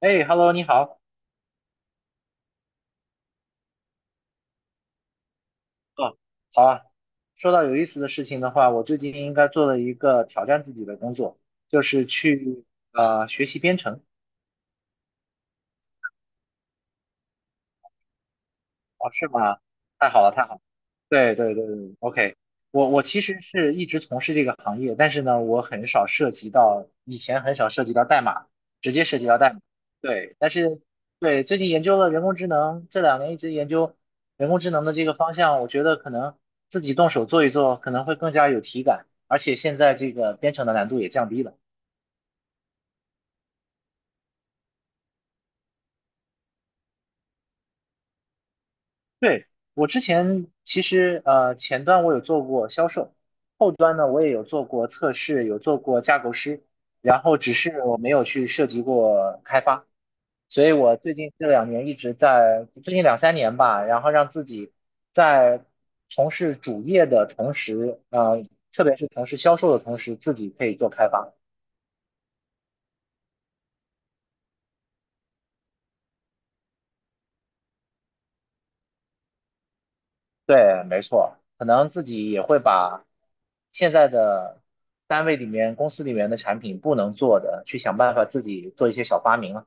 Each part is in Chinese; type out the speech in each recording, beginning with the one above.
哎，Hello，你好。嗯，好啊，说到有意思的事情的话，我最近应该做了一个挑战自己的工作，就是去学习编程。哦，是吗？太好了，太好了。对对对对，OK，我其实是一直从事这个行业，但是呢，我很少涉及到，以前很少涉及到代码，直接涉及到代码。对，但是对最近研究了人工智能，这两年一直研究人工智能的这个方向，我觉得可能自己动手做一做，可能会更加有体感，而且现在这个编程的难度也降低了。对，我之前其实前端我有做过销售，后端呢我也有做过测试，有做过架构师，然后只是我没有去涉及过开发，所以我最近这两年一直在，最近两三年吧，然后让自己在从事主业的同时，特别是从事销售的同时，自己可以做开发。对，没错，可能自己也会把现在的单位里面、公司里面的产品不能做的，去想办法自己做一些小发明了。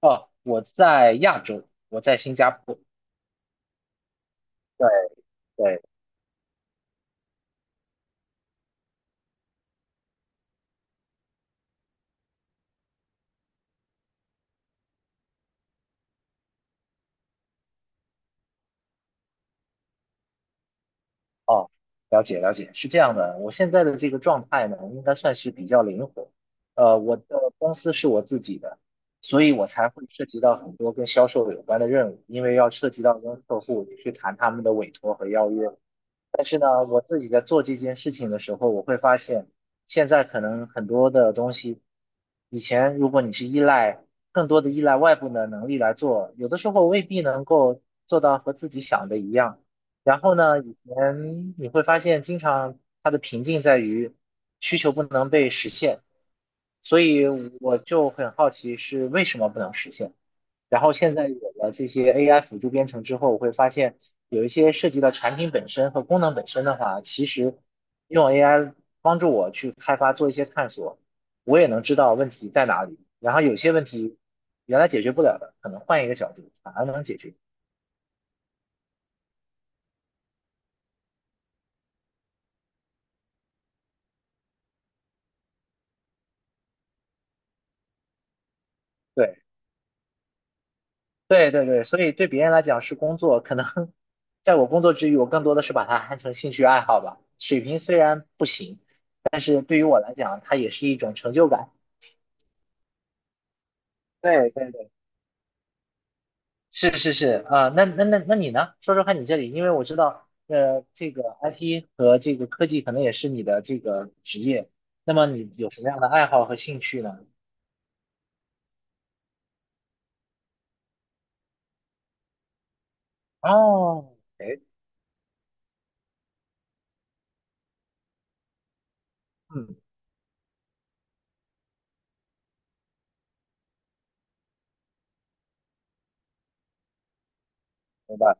哦，我在亚洲，我在新加坡。对对，哦，了解了解，是这样的。我现在的这个状态呢，应该算是比较灵活。我的公司是我自己的，所以我才会涉及到很多跟销售有关的任务，因为要涉及到跟客户去谈他们的委托和邀约。但是呢，我自己在做这件事情的时候，我会发现，现在可能很多的东西，以前如果你是依赖更多的依赖外部的能力来做，有的时候未必能够做到和自己想的一样。然后呢，以前你会发现，经常它的瓶颈在于需求不能被实现，所以我就很好奇是为什么不能实现。然后现在有了这些 AI 辅助编程之后，我会发现有一些涉及到产品本身和功能本身的话，其实用 AI 帮助我去开发做一些探索，我也能知道问题在哪里。然后有些问题原来解决不了的，可能换一个角度反而能解决。对对对对，所以对别人来讲是工作，可能 在我工作之余，我更多的是把它看成兴趣爱好吧。水平虽然不行，但是对于我来讲，它也是一种成就感。对对对。是是是啊，那你呢？说说看你这里，因为我知道，这个 IT 和这个科技可能也是你的这个职业，那么你有什么样的爱好和兴趣呢？哦，哎，嗯，明白。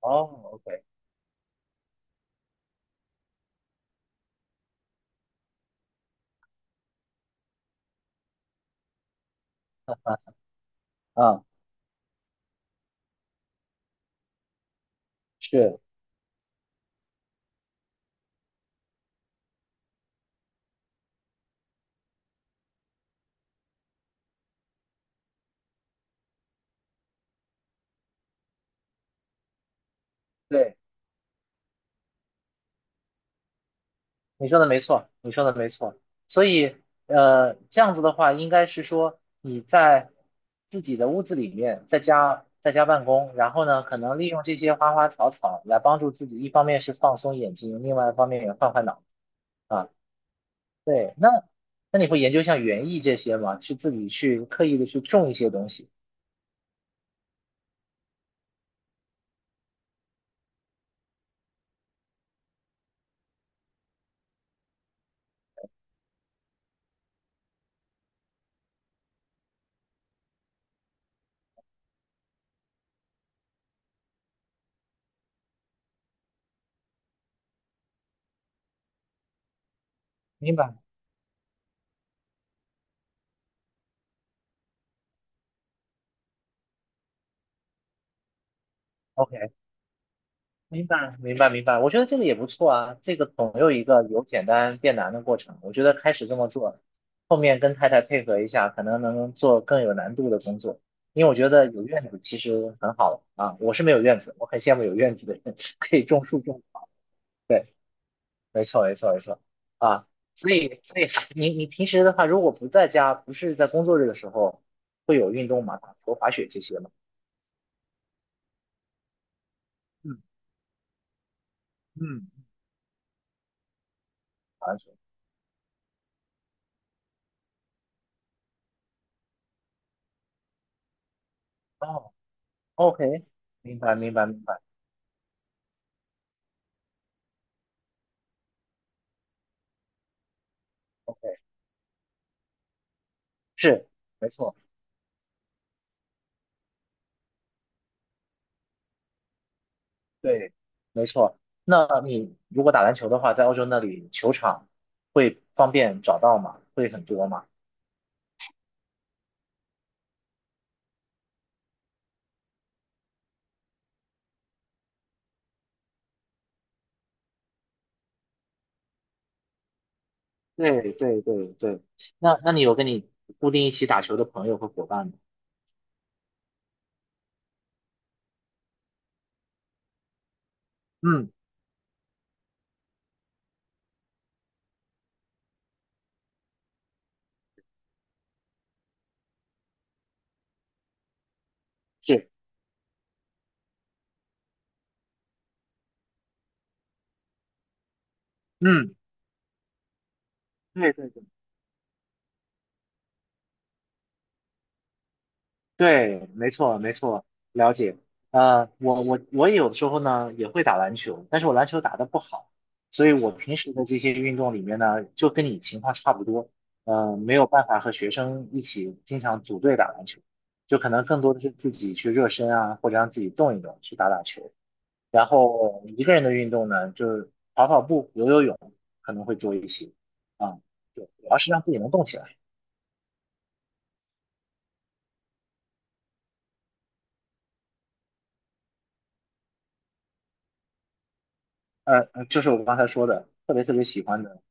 哦，OK，啊，是，对，你说的没错，你说的没错。所以，这样子的话，应该是说你在自己的屋子里面，在家办公，然后呢，可能利用这些花花草草来帮助自己，一方面是放松眼睛，另外一方面也换换脑子啊。对，那你会研究像园艺这些吗？去自己去刻意的去种一些东西？明白。OK。明白，明白，明白。我觉得这个也不错啊，这个总有一个由简单变难的过程。我觉得开始这么做，后面跟太太配合一下，可能能做更有难度的工作。因为我觉得有院子其实很好啊，我是没有院子，我很羡慕有院子的人，可以种树种。对，没错，没错，没错。啊，所以，所以你平时的话，如果不在家，不是在工作日的时候，会有运动吗？打球、滑雪这些吗？嗯嗯，滑雪。哦，OK，明白，明白，明白。OK。是，没错，对，没错。那你如果打篮球的话，在澳洲那里球场会方便找到吗？会很多吗？对对对对。那你有跟你固定一起打球的朋友和伙伴吗？嗯，是，嗯，对对对。对，没错，没错，了解。我有的时候呢也会打篮球，但是我篮球打得不好，所以我平时的这些运动里面呢，就跟你情况差不多，没有办法和学生一起经常组队打篮球，就可能更多的是自己去热身啊，或者让自己动一动，去打打球。然后一个人的运动呢，就是跑跑步、游游泳，可能会多一些。啊，对，主要是让自己能动起来。就是我刚才说的，特别特别喜欢的，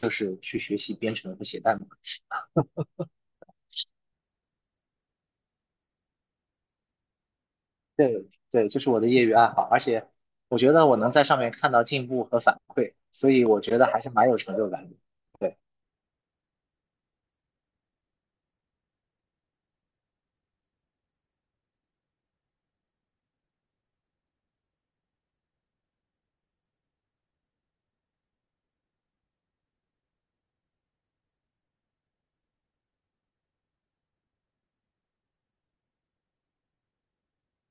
就是去学习编程和写代码。对，这是我的业余爱好，而且我觉得我能在上面看到进步和反馈，所以我觉得还是蛮有成就感的。对，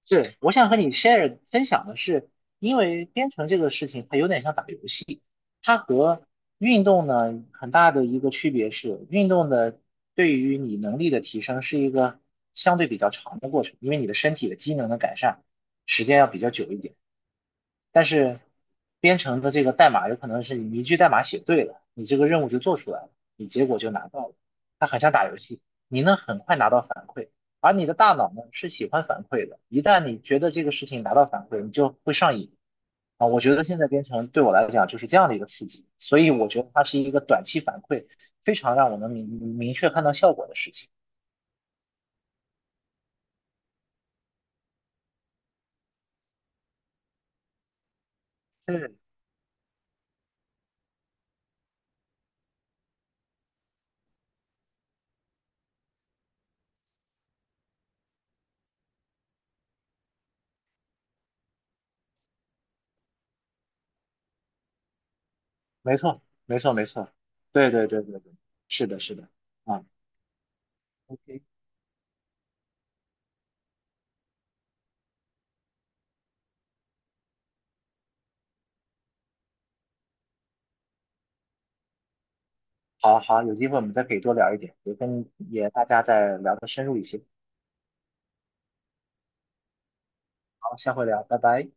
是，我想和你 share 分享的是，因为编程这个事情它有点像打游戏，它和运动呢很大的一个区别是，运动的对于你能力的提升是一个相对比较长的过程，因为你的身体的机能的改善时间要比较久一点。但是编程的这个代码有可能是你一句代码写对了，你这个任务就做出来了，你结果就拿到了。它很像打游戏，你能很快拿到反馈，而你的大脑呢是喜欢反馈的。一旦你觉得这个事情拿到反馈，你就会上瘾啊。我觉得现在编程对我来讲就是这样的一个刺激，所以我觉得它是一个短期反馈，非常让我能明确看到效果的事情。嗯，没错，没错，没错，对对对对对，是的，是的，啊，OK。好好，有机会我们再可以多聊一点，也跟也大家再聊得深入一些。好，下回聊，拜拜。